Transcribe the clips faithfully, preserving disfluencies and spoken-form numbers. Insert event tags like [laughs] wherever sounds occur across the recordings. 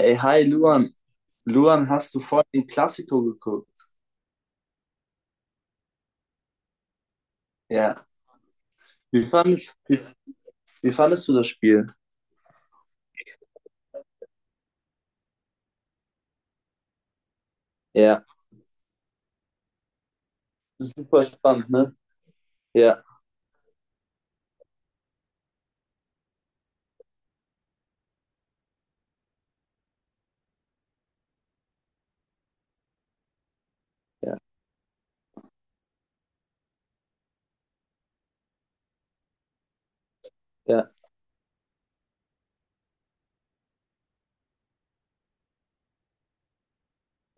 Ey, hi Luan. Luan, hast du vorhin den Klassiko geguckt? Ja. Wie fandest, wie, wie fandest du das Spiel? Ja. Super spannend, ne? Ja, ja, ja,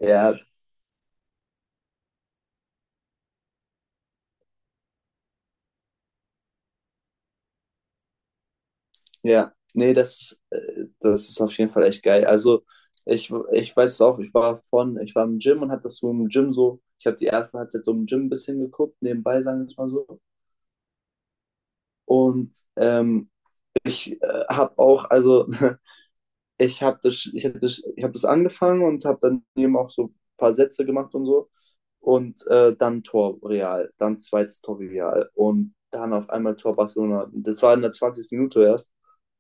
ja, ja. Nee, das ist, äh, das ist auf jeden Fall echt geil. Also, ich, ich weiß es auch, ich war von, ich war im Gym und hab das so im Gym so, ich habe die erste Halbzeit so im Gym ein bisschen geguckt, nebenbei, sagen wir es mal so. Und ähm, ich äh, habe auch, also [laughs] ich habe das, ich hab das, ich hab das angefangen und habe dann eben auch so ein paar Sätze gemacht und so. Und äh, dann Tor Real, dann zweites Tor Real und dann auf einmal Tor Barcelona. Das war in der zwanzigster. Minute erst.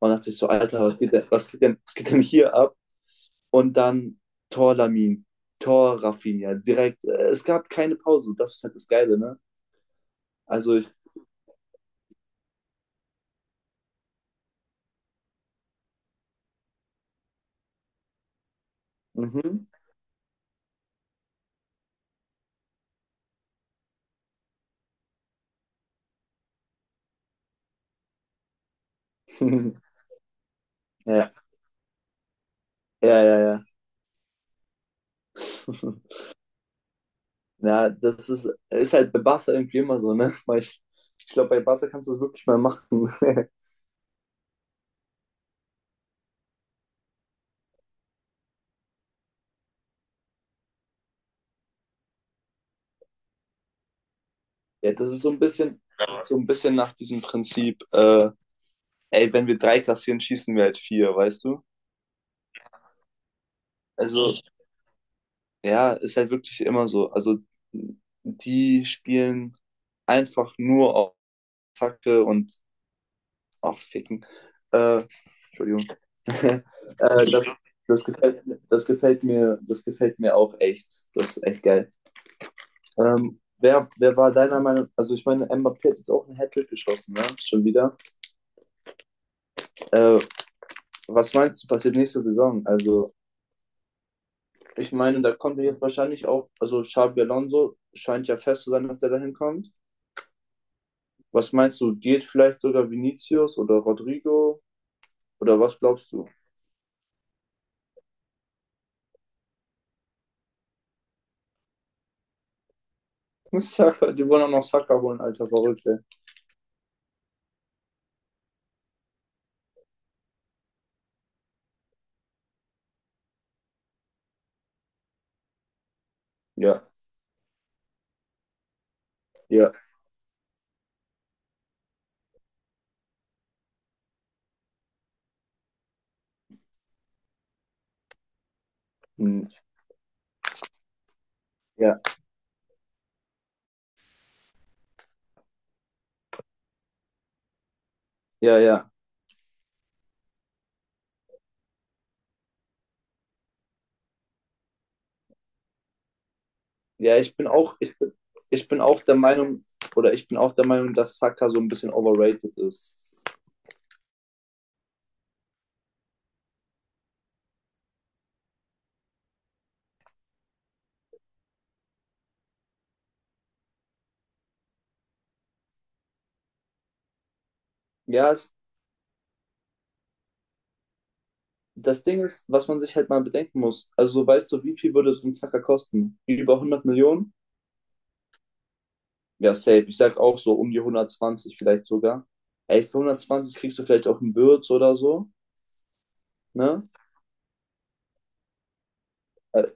Man dachte sich so, Alter, was geht denn, was geht denn, was geht denn hier ab? Und dann Tor Lamin, Tor Rafinha, direkt. Äh, es gab keine Pause. Das ist halt das Geile, ne? Also ich, mhm. [laughs] ja, ja, ja, ja. [laughs] Ja, das ist, ist halt bei Barca irgendwie immer so, ne? [laughs] Weil ich, ich glaube, bei Barca kannst du das wirklich mal machen. [laughs] Ja, das ist so ein bisschen, das ist so ein bisschen nach diesem Prinzip, äh, ey, wenn wir drei kassieren, schießen wir halt vier, weißt du? Also, ja, ist halt wirklich immer so. Also, die spielen einfach nur auf Attacke und auch ficken. Äh, Entschuldigung. [laughs] äh, das, das gefällt, das gefällt mir, das gefällt mir auch echt. Das ist echt geil. Ähm, wer, wer war deiner Meinung, also ich meine, Mbappé hat jetzt auch einen Hattrick geschossen, ne? Schon wieder. Äh, was meinst du, passiert nächste Saison? Also ich meine, da kommt er jetzt wahrscheinlich auch, also Xabi Alonso scheint ja fest zu sein, dass der da hinkommt. Was meinst du, geht vielleicht sogar Vinicius oder Rodrigo? Oder was glaubst du? [laughs] Saka, die wollen auch noch Saka holen, alter Verrückte. Ja, ja, hm, ja, ja, ja. Ja, ich bin auch, ich bin, ich bin auch der Meinung, oder ich bin auch der Meinung, dass Saka so ein bisschen overrated ist. Ja, es, das Ding ist, was man sich halt mal bedenken muss. Also, so weißt du, wie viel würde so ein Zacker kosten? Über hundert Millionen? Ja, safe. Ich sag auch so um die hundertzwanzig vielleicht sogar. Ey, für hundertzwanzig kriegst du vielleicht auch einen Würz oder so, ne? Äh,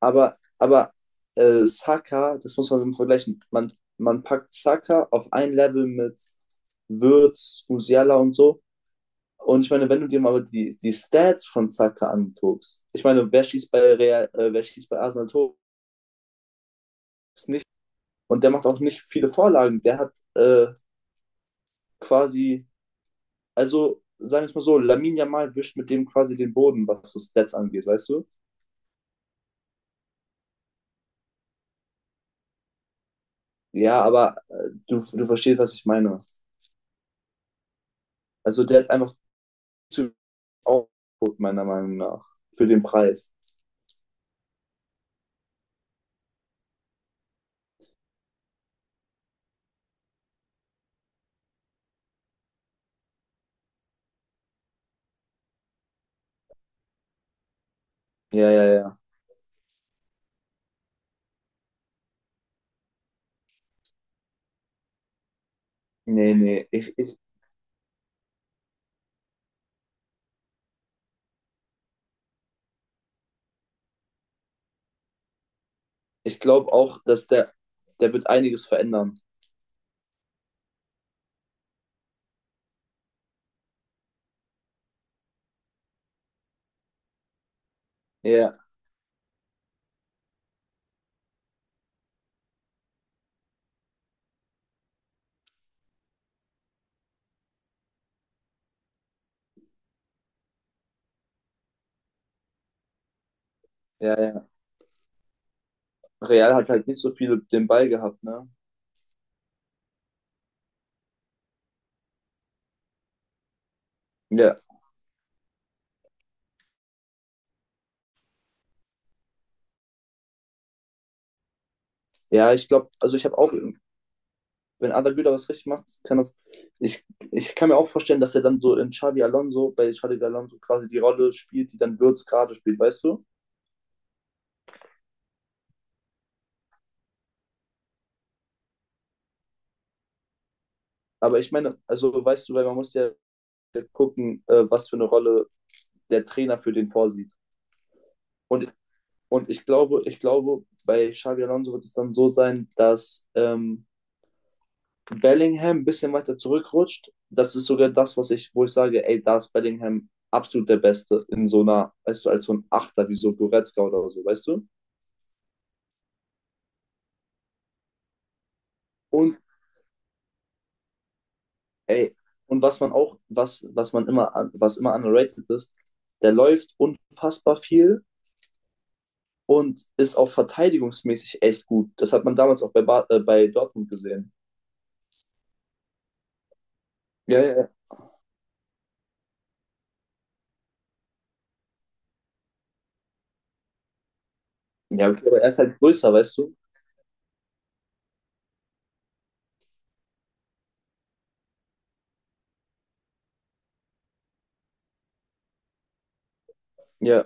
Aber, aber äh, Saka, das muss man so vergleichen. Man, man packt Saka auf ein Level mit Würz, Musiala und so. Und ich meine, wenn du dir mal die, die Stats von Saka anguckst, ich meine, wer schießt bei Real, äh, wer schießt bei Arsenal Tor? Ist und der macht auch nicht viele Vorlagen. Der hat äh, quasi, also sagen wir es mal so, Lamin Yamal wischt mit dem quasi den Boden, was so Stats angeht, weißt du? Ja, aber äh, du, du verstehst, was ich meine. Also der hat einfach zu Output, meiner Meinung nach, für den Preis. Ja, ja, ja. Nee, nee. Ich, ich, ich glaube auch, dass der, der wird einiges verändern. Ja, ja, ja. Real hat halt nicht so viel den Ball gehabt, ne? Ja, ja, ich glaube, also ich habe auch wenn Arda Güler was richtig macht, kann das. Ich, ich kann mir auch vorstellen, dass er dann so in Xavi Alonso, bei Xavi Alonso quasi die Rolle spielt, die dann Würz gerade spielt, weißt du? Aber ich meine, also weißt du, weil man muss ja gucken, äh, was für eine Rolle der Trainer für den vorsieht. Und, und ich glaube, ich glaube, bei Xavi Alonso wird es dann so sein, dass ähm, Bellingham ein bisschen weiter zurückrutscht. Das ist sogar das, was ich, wo ich sage, ey, da ist Bellingham absolut der Beste in so einer, weißt du, als so ein Achter, wie so Goretzka oder so, weißt du? Und ey, und was man auch, was, was man immer, an- was immer underrated ist, der läuft unfassbar viel und ist auch verteidigungsmäßig echt gut. Das hat man damals auch bei, Bar äh, bei Dortmund gesehen. Ja, ja, ja. Ja, okay, aber er ist halt größer, weißt du? Ja.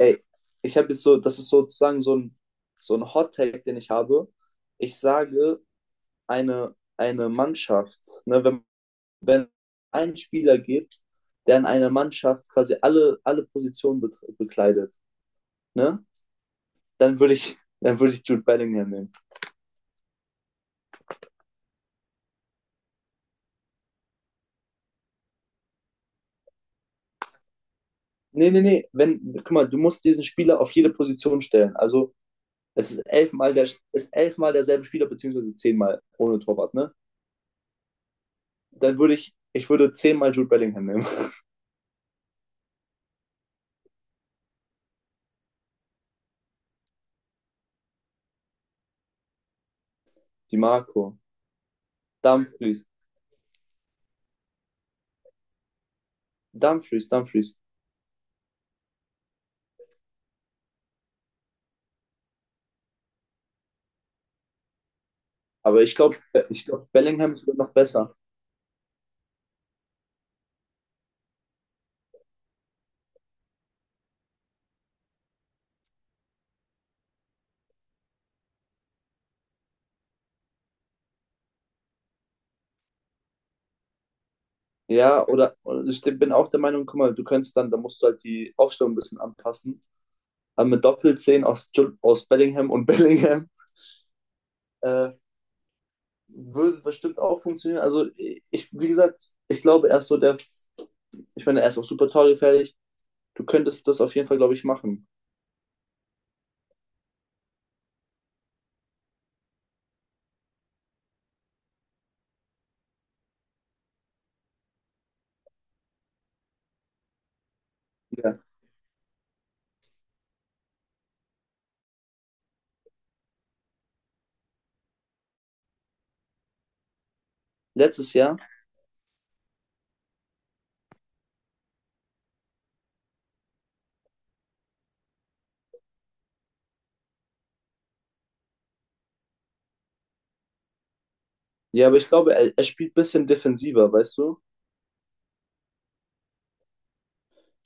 Ey, ich habe jetzt so, das ist sozusagen so ein, so ein Hot-Take, den ich habe. Ich sage, eine, eine Mannschaft, ne, wenn, wenn ein Spieler gibt, der in einer Mannschaft quasi alle, alle Positionen bet- bekleidet, ne? Dann würde ich, dann würde ich Jude Bellingham nehmen. Nee, nee, nee. Wenn, guck mal, du musst diesen Spieler auf jede Position stellen. Also es ist elfmal, der, ist elfmal derselbe Spieler, beziehungsweise zehnmal ohne Torwart, ne? Dann würde ich, ich würde zehnmal Jude Bellingham nehmen. [laughs] Die Marco, Dumfries, Dumfries, Dumfries. Aber ich glaube, ich glaub, Bellingham ist noch besser. Ja, oder oder ich bin auch der Meinung, guck mal, du könntest dann, da musst du halt die Aufstellung ein bisschen anpassen. Aber mit Doppelzehn aus, Ju- aus Bellingham und [laughs] Bellingham äh, würde bestimmt auch funktionieren. Also ich, wie gesagt, ich glaube, er ist so der, ich meine, er ist auch super torgefährlich. Du könntest das auf jeden Fall, glaube ich, machen. Ja. Letztes Jahr. Ja, aber ich glaube, er, er spielt ein bisschen defensiver, weißt du?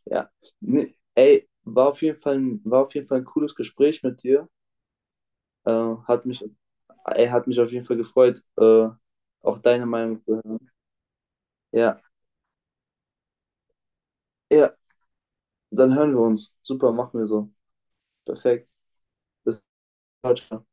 Ja. Nee, ey, war auf jeden Fall ein, war auf jeden Fall ein cooles Gespräch mit dir. Äh, hat mich, ey, hat mich auf jeden Fall gefreut, äh, auch deine Meinung zu hören. Ja. Ja, dann hören wir uns. Super, machen wir so. Perfekt. Bis bald. Ciao.